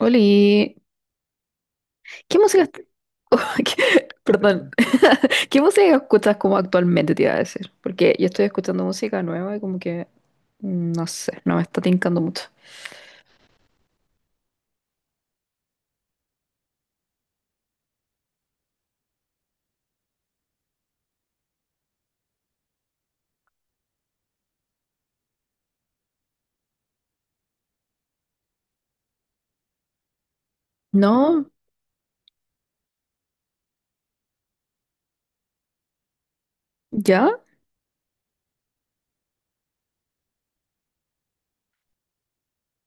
Oli, ¿qué música? ¿Qué- Perdón, ¿qué música escuchas como actualmente te iba a decir? Porque yo estoy escuchando música nueva y como que, no sé, no me está tincando mucho. ¿No? ¿Ya?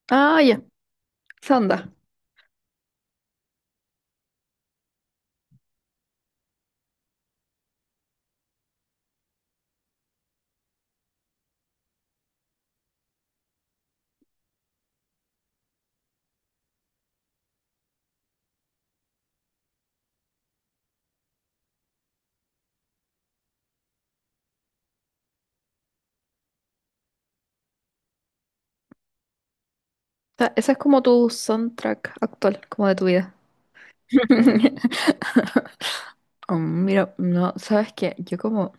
Ah, ya, esa onda. O sea, esa es como tu soundtrack actual, como de tu vida. Mm, mira, no, ¿sabes qué? Yo como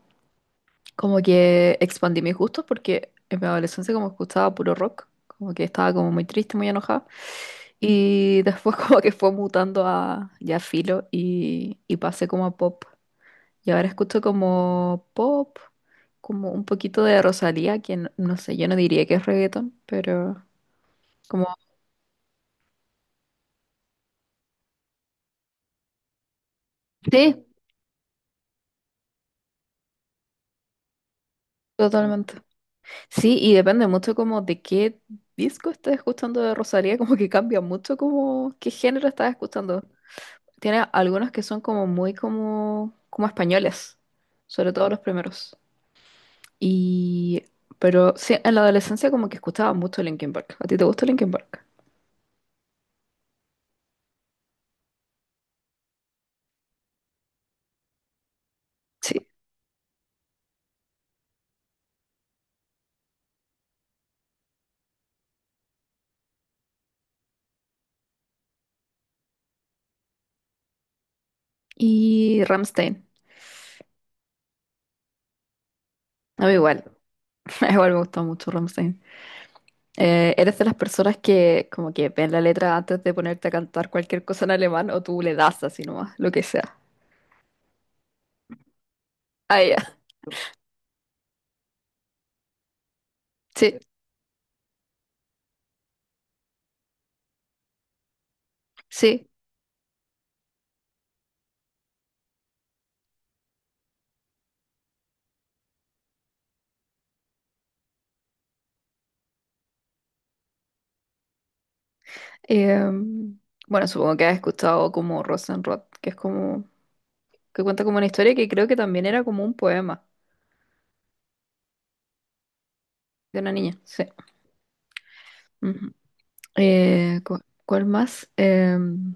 como que expandí mis gustos porque en mi adolescencia como escuchaba puro rock, como que estaba como muy triste, muy enojada. Y después como que fue mutando a ya filo y pasé como a pop. Y ahora escucho como pop, como un poquito de Rosalía, que no, no sé, yo no diría que es reggaeton, pero como... Sí, totalmente. Sí, y depende mucho como de qué disco estés escuchando de Rosalía, como que cambia mucho como qué género estás escuchando. Tiene algunos que son como muy como, como españoles, sobre todo los primeros. Y, pero sí, en la adolescencia como que escuchaba mucho Linkin Park. ¿A ti te gusta Linkin Park? Sí. Y Rammstein. A mí igual, igual me gustó mucho Rammstein. ¿Eres de las personas que como que ven la letra antes de ponerte a cantar cualquier cosa en alemán o tú le das así nomás, lo que sea? Ah, ya. Sí, sí. Em, bueno, supongo que has escuchado como Rosenrod, que es como, que cuenta como una historia que creo que también era como un poema de una niña, sí. Ujú. Eh, cu- ¿Cuál más?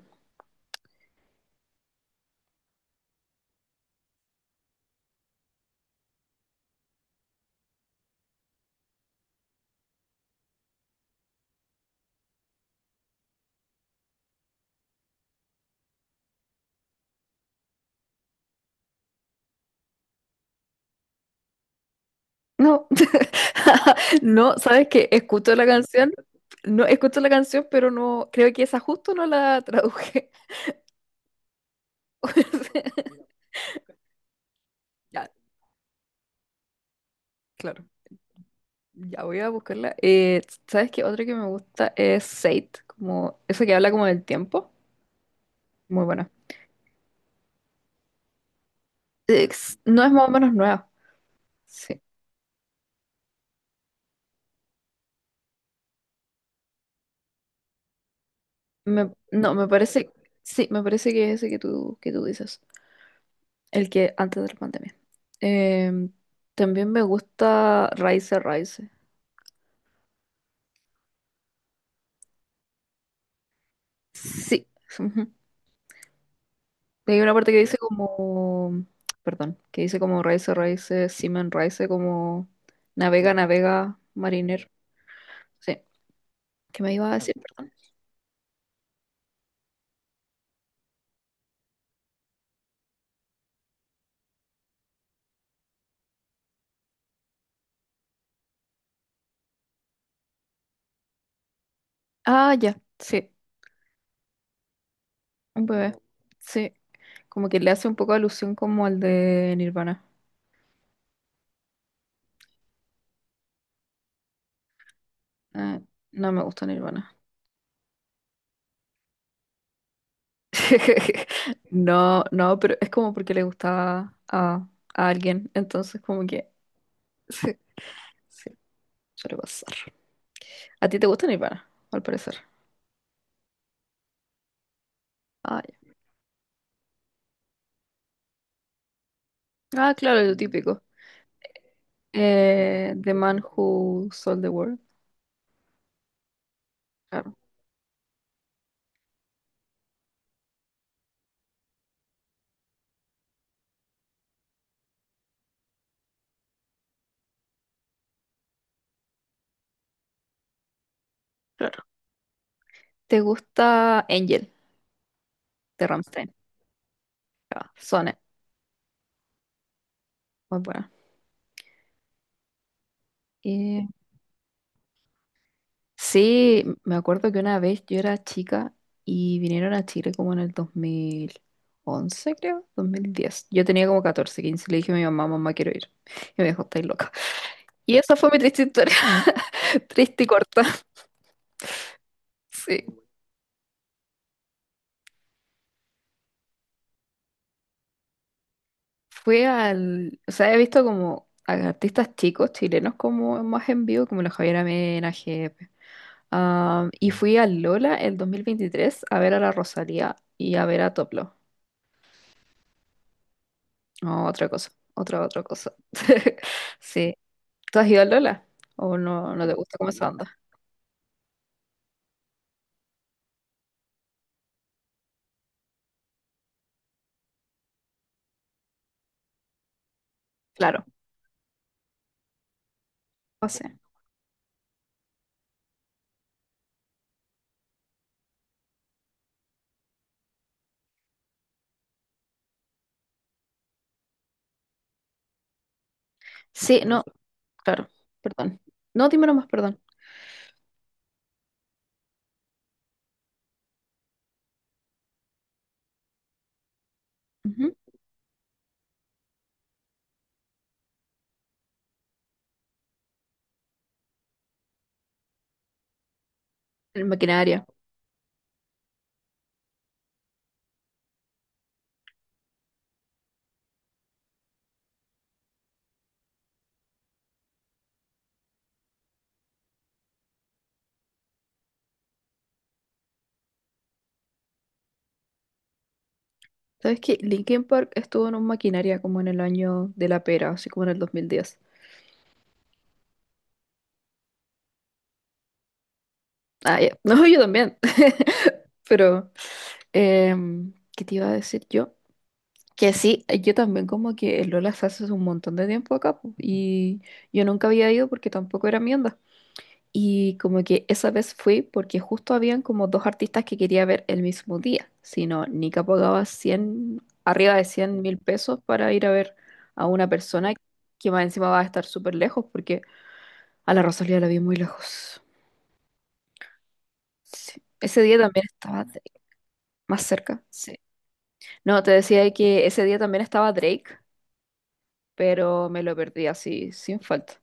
No, no, sabes que escucho la canción, no escucho la canción, pero no, creo que esa justo no la traduje. Ya, claro. Ya voy a buscarla. ¿Sabes qué? Otra que me gusta es Sate, como esa que habla como del tiempo. Muy buena. Ex- no es más o menos nueva. Sí. Me- no, me parece. Sí, me parece que es ese que tú dices. El que antes de la pandemia. Em, también me gusta Rise Rise. Sí, ujú. Hay una parte que dice como. Perdón, que dice como Rise Rise, Seaman Rise, como navega, navega, mariner. Sí. ¿Qué me iba a decir? Ah, ya, sí, un bebé. Sí, como que le hace un poco alusión como al de Nirvana. Ah, no me gusta Nirvana. No, no, pero es como porque le gustaba a alguien, entonces como que sí, sí, suele pasar. ¿A ti te gusta Nirvana, al parecer? Ah, ya. Ah, claro, lo típico. The Man Who Sold the World. Claro, claro. ¿Te gusta Angel de Rammstein? Ah, Sonne, muy buena. Sí, me acuerdo que una vez yo era chica y vinieron a Chile como en el 2011, creo, 2010. Yo tenía como 14, 15. Y le dije a mi mamá, mamá, quiero ir. Y me dijo, estáis loca. Y esa fue mi triste historia, triste y corta. Sí, fue al, o sea, he visto como a artistas chicos chilenos como más en vivo, como la Javiera Mena, Jepe. Am, y fui al Lola el 2023 a ver a la Rosalía y a ver a Toplo. No, otra cosa, otra cosa. Sí. ¿Tú has ido al Lola? ¿O no, no te gusta cómo se anda? Claro, pase. Sí, no, claro, perdón. No, dime nomás, perdón. Ujú. El maquinaria. ¿Sabes qué? Linkin Park estuvo en un maquinaria como en el año de la pera, así como en el 2010. Ah, ya. No, yo también. Pero, ¿qué te iba a decir yo? Que sí, yo también como que el Lola se hace un montón de tiempo acá po, y yo nunca había ido porque tampoco era mi onda. Y como que esa vez fui porque justo habían como dos artistas que quería ver el mismo día. Si no, Nika pagaba 100 arriba de 100.000 pesos para ir a ver a una persona que más encima va a estar súper lejos porque a la Rosalía la vi muy lejos. Sí. Ese día también estaba Drake, más cerca. Sí. No, te decía que ese día también estaba Drake, pero me lo perdí así, sin falta.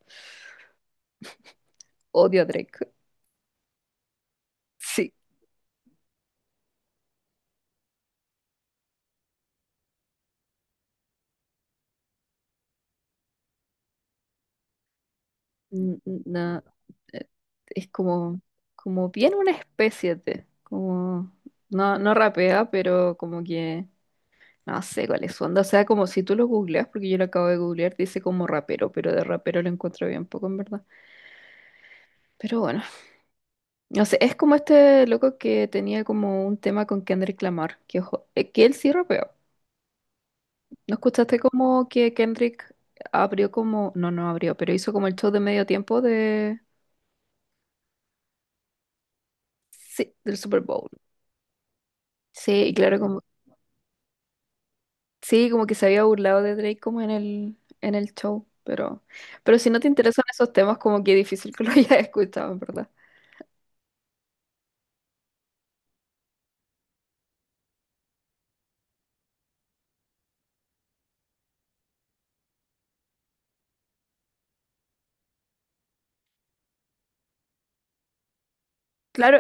Odio a Drake. Sí. n- na- eh, es como, como bien una especie de, como, no, no rapea, pero como que, no sé cuál es su onda. O sea, como si tú lo googleas, porque yo lo acabo de googlear, dice como rapero, pero de rapero lo encuentro bien poco, en verdad. Pero bueno, no sé, es como este loco que tenía como un tema con Kendrick Lamar, que, ojo, que él sí rapeó. ¿No escuchaste como que Kendrick abrió como, no, no abrió, pero hizo como el show de medio tiempo de, sí, del Super Bowl? Sí, y claro, Sí, como que se había burlado de Drake como en el show, pero si no te interesan esos temas, como que es difícil que lo hayas escuchado, en verdad. Claro,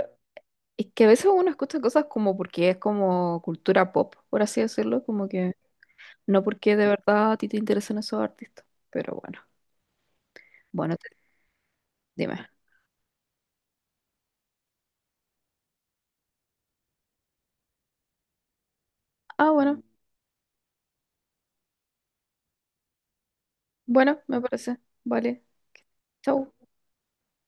es que a veces uno escucha cosas como porque es como cultura pop, por así decirlo, como que no porque de verdad a ti te interesan esos artistas, pero bueno, bueno, te- dime. Ah, bueno, bueno, me parece. Vale, chau.